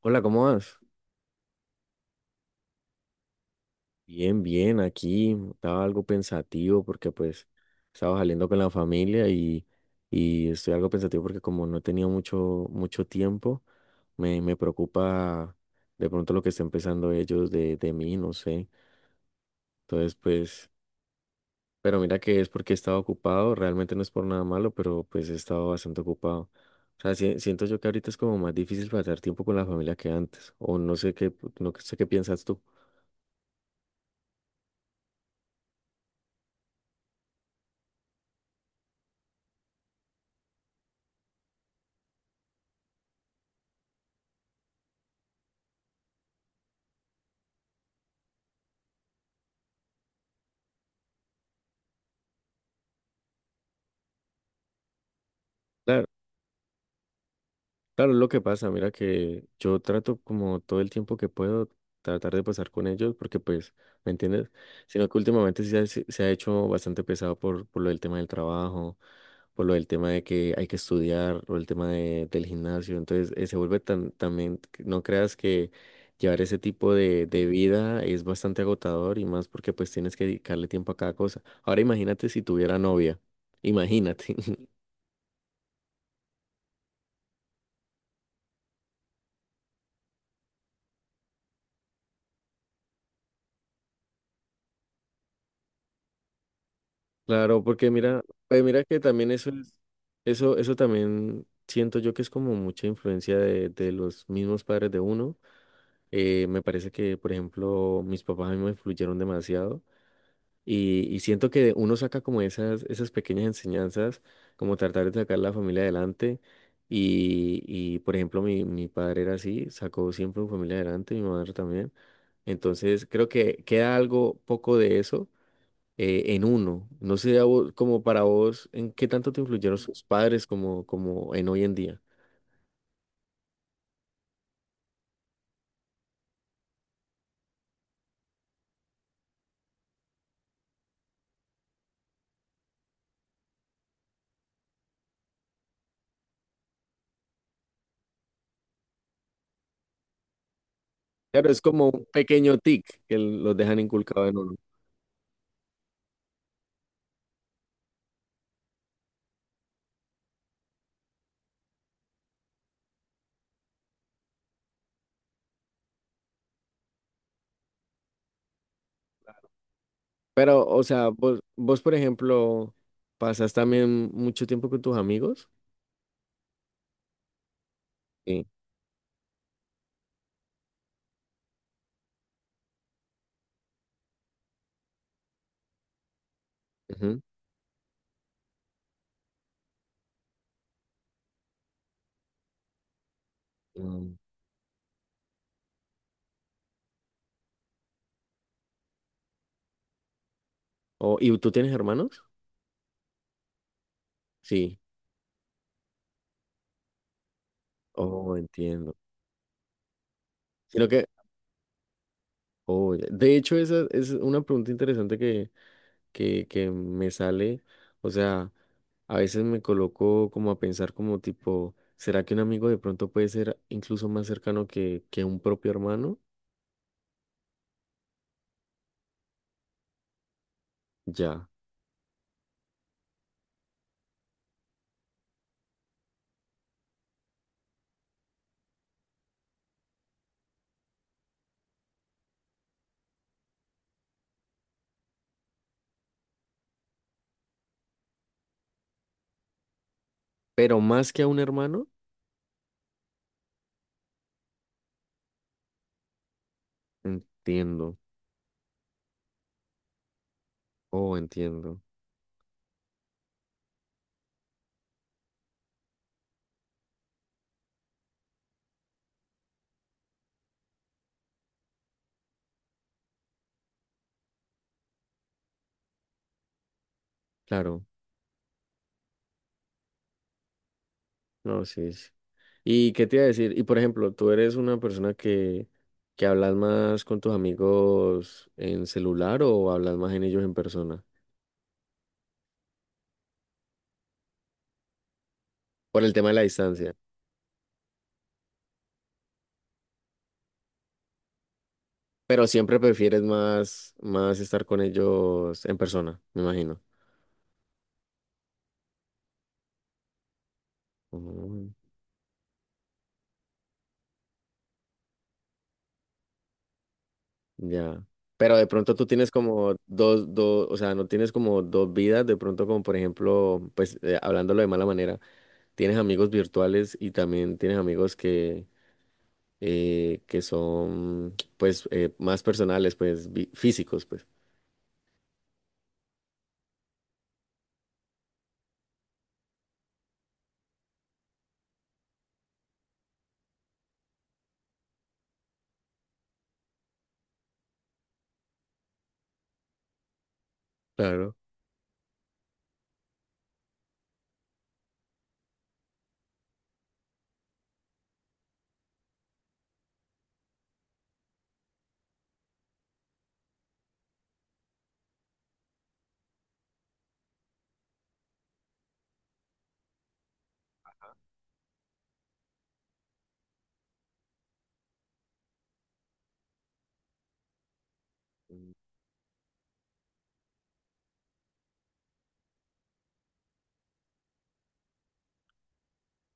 Hola, ¿cómo vas? Bien, bien, aquí estaba algo pensativo porque pues estaba saliendo con la familia y estoy algo pensativo porque como no he tenido mucho, mucho tiempo, me preocupa de pronto lo que estén pensando ellos de mí, no sé. Entonces pues, pero mira que es porque he estado ocupado, realmente no es por nada malo, pero pues he estado bastante ocupado. O sea, siento yo que ahorita es como más difícil pasar tiempo con la familia que antes, o no sé qué, no sé qué piensas tú. Claro, es lo que pasa, mira que yo trato como todo el tiempo que puedo tratar de pasar con ellos, porque pues, ¿me entiendes? Sino que últimamente sí se ha hecho bastante pesado por lo del tema del trabajo, por lo del tema de que hay que estudiar, o el tema del gimnasio, entonces se vuelve tan, también, que no creas que llevar ese tipo de vida es bastante agotador y más porque pues tienes que dedicarle tiempo a cada cosa. Ahora imagínate si tuviera novia, imagínate. Claro, porque mira, pues mira que también eso es, eso también siento yo que es como mucha influencia de los mismos padres de uno. Me parece que, por ejemplo, mis papás a mí me influyeron demasiado y siento que uno saca como esas, esas pequeñas enseñanzas, como tratar de sacar la familia adelante. Y por ejemplo, mi padre era así, sacó siempre su familia adelante, mi madre también. Entonces, creo que queda algo poco de eso en uno. No sé, como para vos, ¿en qué tanto te influyeron sus padres como, como en hoy en día? Claro, es como un pequeño tic que los dejan inculcado en uno. Pero, o sea, vos, por ejemplo, ¿pasas también mucho tiempo con tus amigos? Sí. Ujú. Mm. Oh, ¿y tú tienes hermanos? Sí. Oh, entiendo. Sino que, oh, ya. De hecho, esa es una pregunta interesante que que me sale, o sea, a veces me coloco como a pensar como tipo, ¿será que un amigo de pronto puede ser incluso más cercano que un propio hermano? Ya, pero más que a un hermano, entiendo, oh, entiendo, claro, no, sí, sí. ¿Y qué te iba a decir? Y por ejemplo, tú eres una persona que hablas más con tus amigos en celular o hablas más en ellos en persona, por el tema de la distancia. Pero siempre prefieres más, más estar con ellos en persona, me imagino. Mm, ya. Pero de pronto tú tienes como dos, dos, o sea, no tienes como dos vidas, de pronto como por ejemplo, pues hablándolo de mala manera, tienes amigos virtuales y también tienes amigos que son pues más personales, pues físicos, pues. Claro.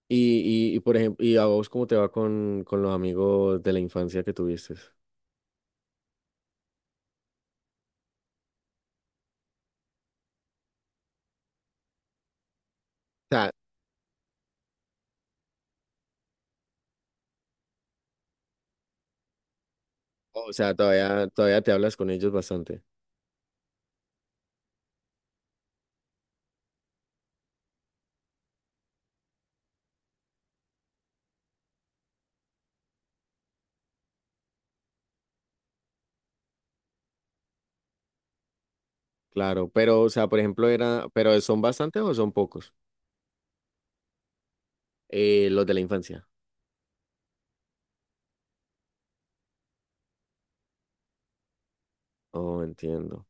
Y por ejemplo, ¿y a vos cómo te va con los amigos de la infancia que tuviste? O sea, o sea, todavía, todavía te hablas con ellos bastante. Claro, pero, o sea, por ejemplo, era, pero ¿son bastantes o son pocos? Los de la infancia. Oh, entiendo,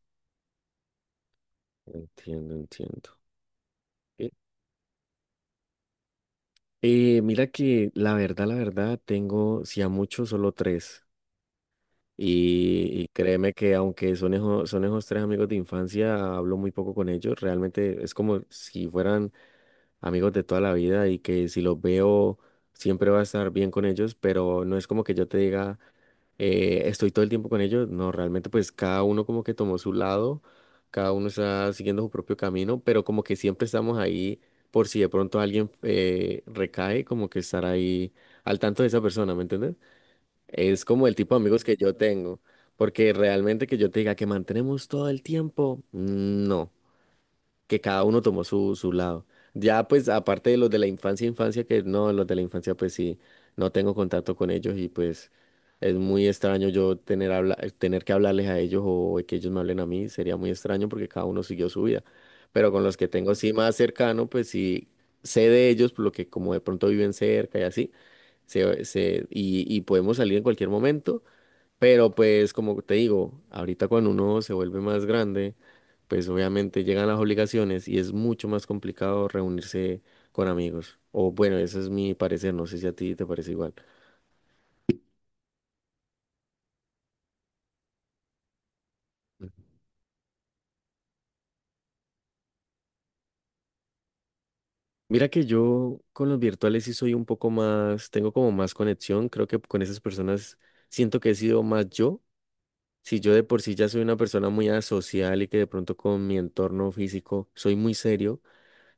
entiendo, entiendo. Eh, Mira que la verdad, tengo, si a mucho, solo tres. Y créeme que aunque son esos tres amigos de infancia, hablo muy poco con ellos. Realmente es como si fueran amigos de toda la vida y que si los veo, siempre va a estar bien con ellos, pero no es como que yo te diga. Estoy todo el tiempo con ellos. No, realmente pues cada uno como que tomó su lado, cada uno está siguiendo su propio camino, pero como que siempre estamos ahí por si de pronto alguien recae, como que estar ahí al tanto de esa persona, ¿me entiendes? Es como el tipo de amigos que yo tengo, porque realmente que yo te diga que mantenemos todo el tiempo, no, que cada uno tomó su lado. Ya pues aparte de los de la infancia, infancia, que no, los de la infancia pues sí, no tengo contacto con ellos y pues es muy extraño yo tener, habla tener que hablarles a ellos o que ellos me hablen a mí, sería muy extraño porque cada uno siguió su vida. Pero con los que tengo sí más cercano, pues sí sé de ellos, por lo que como de pronto viven cerca y así, y podemos salir en cualquier momento. Pero pues como te digo, ahorita cuando uno se vuelve más grande, pues obviamente llegan las obligaciones y es mucho más complicado reunirse con amigos. O bueno, ese es mi parecer, no sé si a ti te parece igual. Mira que yo con los virtuales sí soy un poco más, tengo como más conexión, creo que con esas personas siento que he sido más yo. Si yo de por sí ya soy una persona muy asocial y que de pronto con mi entorno físico soy muy serio,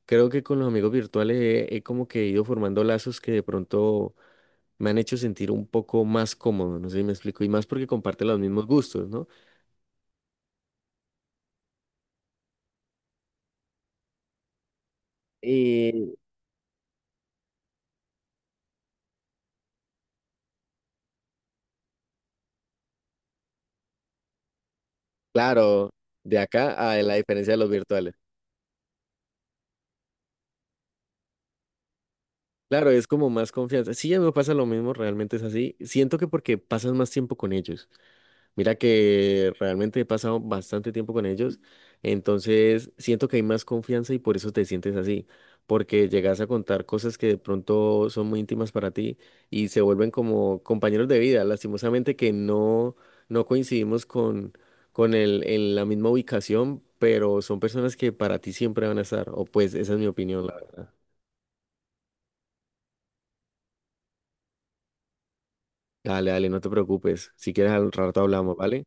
creo que con los amigos virtuales he como que ido formando lazos que de pronto me han hecho sentir un poco más cómodo, no sé si me explico, y más porque comparte los mismos gustos, ¿no? Y claro, de acá a la diferencia de los virtuales. Claro, es como más confianza. Sí, a mí me pasa lo mismo, realmente es así. Siento que porque pasas más tiempo con ellos. Mira que realmente he pasado bastante tiempo con ellos, entonces siento que hay más confianza y por eso te sientes así, porque llegas a contar cosas que de pronto son muy íntimas para ti y se vuelven como compañeros de vida. Lastimosamente que no, no coincidimos con el, en la misma ubicación, pero son personas que para ti siempre van a estar, o pues esa es mi opinión, la verdad. Dale, dale, no te preocupes. Si quieres al rato hablamos, ¿vale?